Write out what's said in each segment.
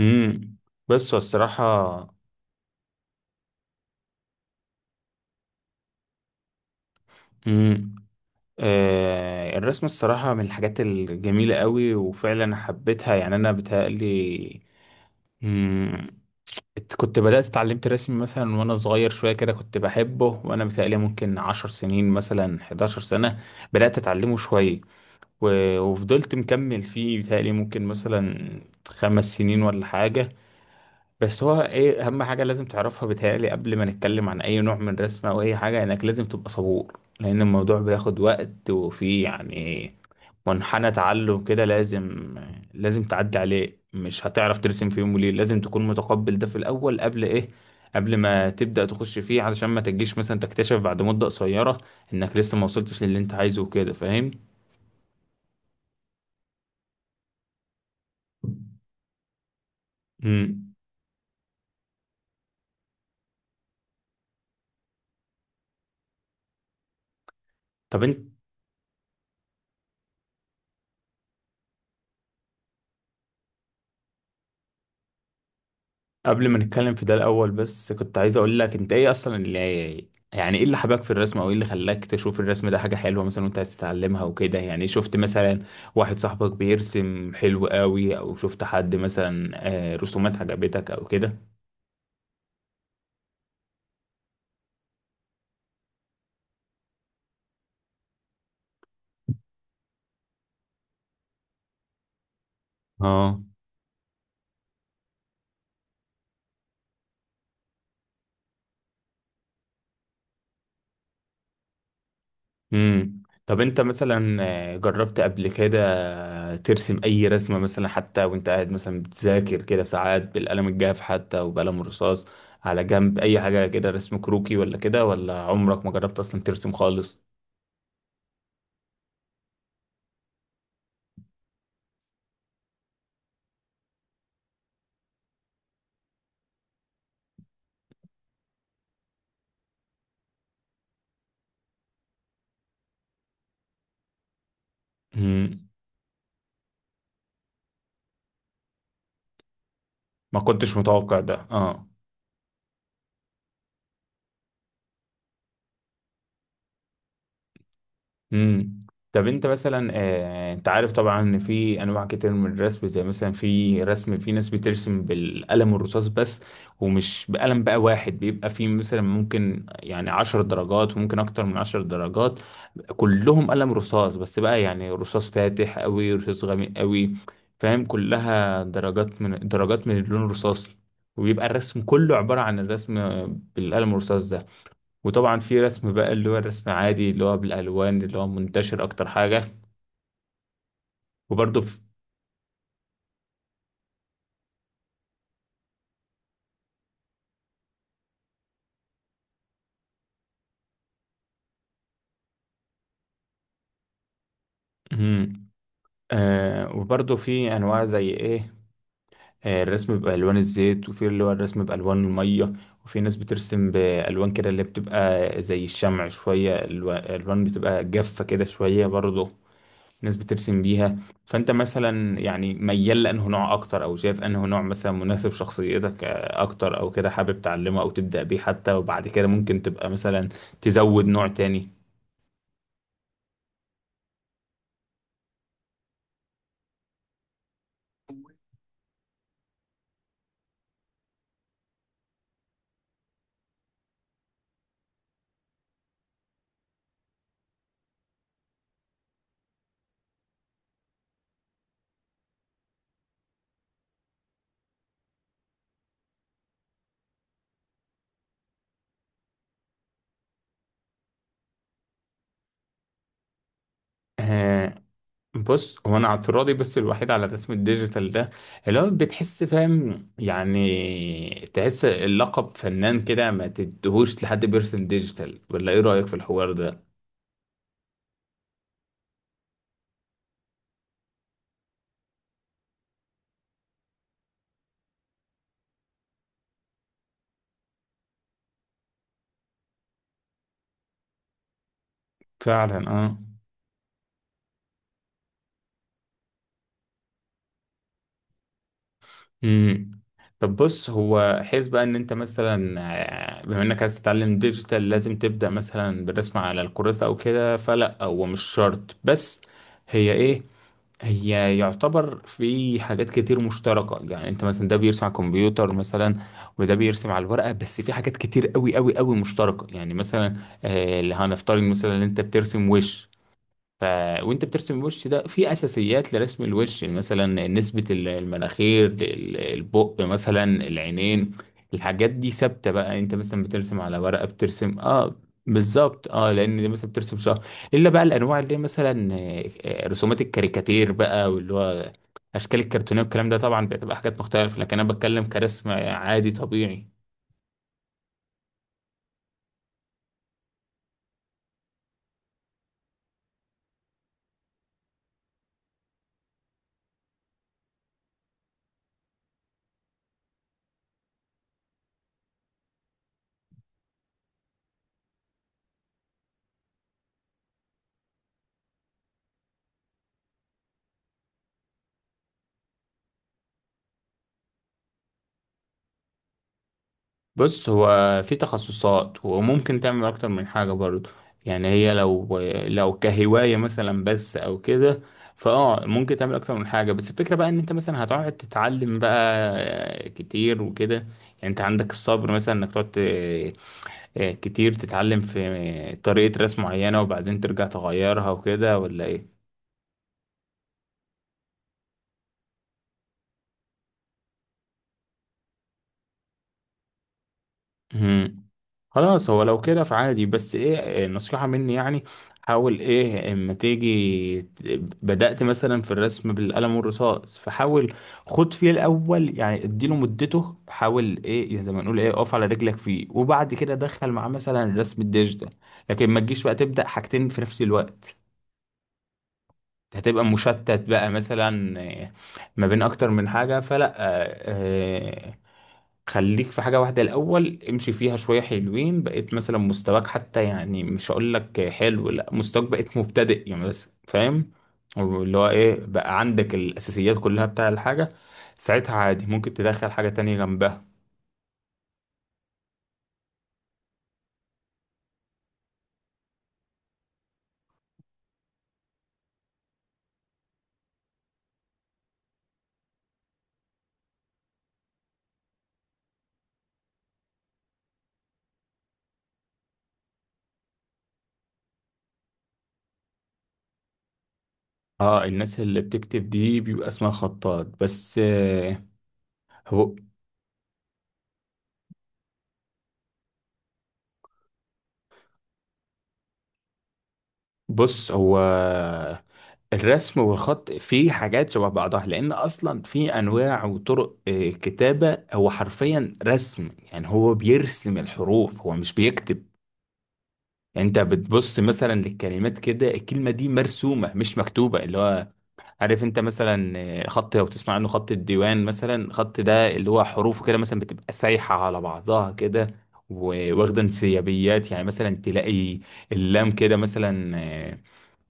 امم. بس هو الصراحة. امم. الرسم الصراحة من الحاجات الجميلة قوي وفعلا حبيتها، يعني أنا بتهيألي. امم. كنت بدأت اتعلمت رسم مثلا وأنا صغير شوية كده، كنت بحبه وأنا بتهيألي ممكن 10 سنين مثلا، 11 سنة بدأت أتعلمه شوية. وفضلت مكمل فيه بتهيألي ممكن مثلا 5 سنين ولا حاجة. بس هو ايه اهم حاجه لازم تعرفها بتهيألي، قبل ما نتكلم عن اي نوع من الرسم او اي حاجه، انك لازم تبقى صبور، لان الموضوع بياخد وقت، وفي يعني منحنى تعلم كده لازم تعدي عليه، مش هتعرف ترسم في يوم وليله. لازم تكون متقبل ده في الاول، قبل ايه؟ قبل ما تبدأ تخش فيه، علشان ما تجيش مثلا تكتشف بعد مدة قصيرة انك لسه ما وصلتش للي انت عايزه وكده، فاهم؟ امم. طب انت، قبل ما نتكلم في ده الاول بس كنت عايز اقول لك، انت ايه اصلا اللي، يعني ايه اللي حباك في الرسم، او ايه اللي خلاك تشوف الرسم ده حاجة حلوة مثلا وانت عايز تتعلمها وكده؟ يعني شفت مثلا واحد صاحبك بيرسم حلو قوي، او شفت حد مثلا رسومات عجبتك او كده؟ اه. امم. طب انت مثلا، جربت قبل كده ترسم اي رسمة مثلا، حتى وانت قاعد مثلا بتذاكر كده ساعات، بالقلم الجاف حتى، وبقلم الرصاص على جنب، اي حاجة كده رسم كروكي ولا كده، ولا عمرك ما جربت اصلا ترسم خالص؟ امم. ما كنتش متوقع ده، اه. امم. طب انت مثلا، انت عارف طبعا ان في انواع كتير من الرسم، زي مثلا في رسم، في ناس بترسم بالقلم الرصاص بس، ومش بقلم بقى واحد، بيبقى في مثلا ممكن يعني 10 درجات، وممكن اكتر من 10 درجات، كلهم قلم رصاص بس بقى، يعني رصاص فاتح قوي رصاص غامق قوي، فاهم؟ كلها درجات، من درجات من اللون الرصاصي، وبيبقى الرسم كله عبارة عن الرسم بالقلم الرصاص ده. وطبعا في رسم بقى اللي هو الرسم عادي، اللي هو بالالوان، اللي هو منتشر اكتر حاجه. وبرضه في. مم. وبرضه في انواع، زي ايه؟ الرسم بالوان الزيت، وفي اللي هو الرسم بالوان الميه. وفي ناس بترسم بالوان كده اللي بتبقى زي الشمع شويه، الوان بتبقى جافه كده شويه برضه، ناس بترسم بيها. فانت مثلا يعني ميال لانه نوع اكتر، او شايف انه نوع مثلا مناسب شخصيتك اكتر، او كده حابب تعلمه او تبدأ بيه، حتى وبعد كده ممكن تبقى مثلا تزود نوع تاني؟ آه. بص، هو انا اعتراضي بس الوحيد على الرسم الديجيتال ده، اللي هو بتحس فاهم، يعني تحس اللقب فنان كده ما تدهوش لحد بيرسم ديجيتال، ولا ايه رأيك في الحوار ده؟ فعلا اه. امم. طب بص، هو حيث بقى ان انت مثلا، بما انك عايز تتعلم ديجيتال، لازم تبدأ مثلا بالرسم على الكراسة او كده؟ فلا، هو مش شرط، بس هي ايه، هي يعتبر في حاجات كتير مشتركة، يعني انت مثلا ده بيرسم على الكمبيوتر مثلا، وده بيرسم على الورقة، بس في حاجات كتير قوي قوي قوي مشتركة، يعني مثلا، اللي هنفترض مثلا ان انت بترسم وش، ف... وانت بترسم الوش ده، في اساسيات لرسم الوش، يعني مثلا نسبة المناخير، البق، مثلا العينين، الحاجات دي ثابتة بقى، انت مثلا بترسم على ورقة بترسم، اه. بالظبط، اه، لان دي مثلا بترسم شهر، الا بقى الانواع اللي هي مثلا، رسومات الكاريكاتير بقى، واللي هو اشكال الكرتونيه والكلام ده، طبعا بتبقى حاجات مختلفه، لكن انا بتكلم كرسم عادي طبيعي. بص، هو في تخصصات، وممكن تعمل اكتر من حاجة برضه، يعني هي لو، لو كهواية مثلا بس او كده، فاه ممكن تعمل اكتر من حاجة. بس الفكرة بقى ان انت مثلا هتقعد تتعلم بقى كتير وكده، يعني انت عندك الصبر مثلا انك تقعد كتير تتعلم في طريقة رسم معينة، وبعدين ترجع تغيرها وكده، ولا ايه؟ مم. خلاص، هو لو كده فعادي، بس ايه نصيحة مني يعني، حاول ايه اما تيجي بدأت مثلا في الرسم بالقلم والرصاص، فحاول خد فيه الاول، يعني اديله مدته، حاول ايه يعني زي ما نقول ايه اقف على رجلك فيه، وبعد كده دخل معاه مثلا الرسم الديجيتال، لكن ما تجيش بقى تبدأ حاجتين في نفس الوقت، هتبقى مشتت بقى مثلا، ما بين اكتر من حاجة. فلا، آه، خليك في حاجة واحدة الأول، امشي فيها شوية، حلوين بقيت مثلا مستواك حتى، يعني مش هقول لك حلو لا، مستواك بقيت مبتدئ يعني، بس فاهم، اللي هو ايه بقى عندك الأساسيات كلها بتاع الحاجة، ساعتها عادي ممكن تدخل حاجة تانية جنبها. اه، الناس اللي بتكتب دي بيبقى اسمها خطاط بس، هو بص، هو الرسم والخط فيه حاجات شبه بعضها، لان اصلا في انواع وطرق كتابة، هو حرفيا رسم يعني، هو بيرسم الحروف هو مش بيكتب. انت بتبص مثلا للكلمات كده، الكلمة دي مرسومة مش مكتوبة، اللي هو عارف انت مثلا، خط لو تسمع عنه خط الديوان مثلا، خط ده اللي هو حروفه كده مثلا بتبقى سايحة على بعضها كده، وواخدة انسيابيات، يعني مثلا تلاقي اللام كده مثلا،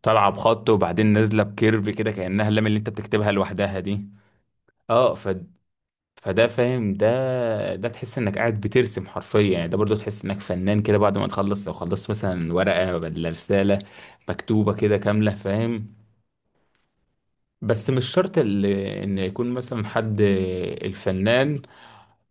طالعه بخط وبعدين نازله بكيرف كده، كانها اللام اللي انت بتكتبها لوحدها دي. اه، ف، فده فاهم، ده تحس انك قاعد بترسم حرفيا يعني. ده برضو تحس انك فنان كده بعد ما تخلص، لو خلصت مثلا ورقه ولا رساله مكتوبه كده كامله، فاهم؟ بس مش شرط ان يكون مثلا حد الفنان،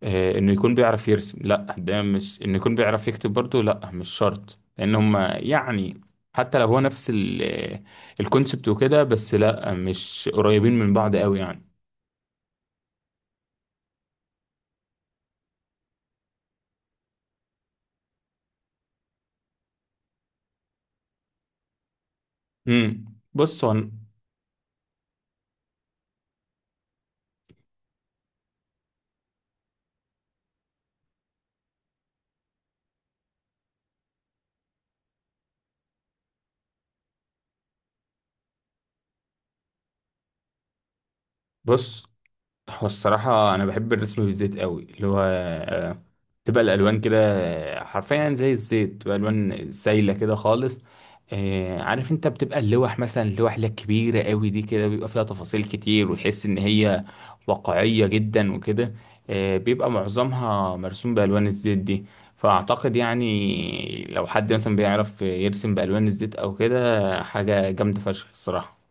انه يكون بيعرف يرسم، لا، ده مش انه يكون بيعرف يكتب برضه، لا مش شرط، لان هم يعني حتى لو هو نفس الكونسبت وكده، بس لا مش قريبين من بعض قوي يعني. امم. بص هو أنا- بص هو الصراحة أنا بحب الرسم بالزيت قوي، اللي هو تبقى الألوان كده، حرفيا زي الزيت، تبقى ألوان سايلة كده خالص. عارف أنت بتبقى اللوح مثلا، اللوح اللي هي كبيرة قوي دي كده، بيبقى فيها تفاصيل كتير وتحس إن هي واقعية جدا وكده، بيبقى معظمها مرسوم بألوان الزيت دي. فأعتقد يعني لو حد مثلا بيعرف يرسم بألوان الزيت أو كده، حاجة جامدة فشخ الصراحة.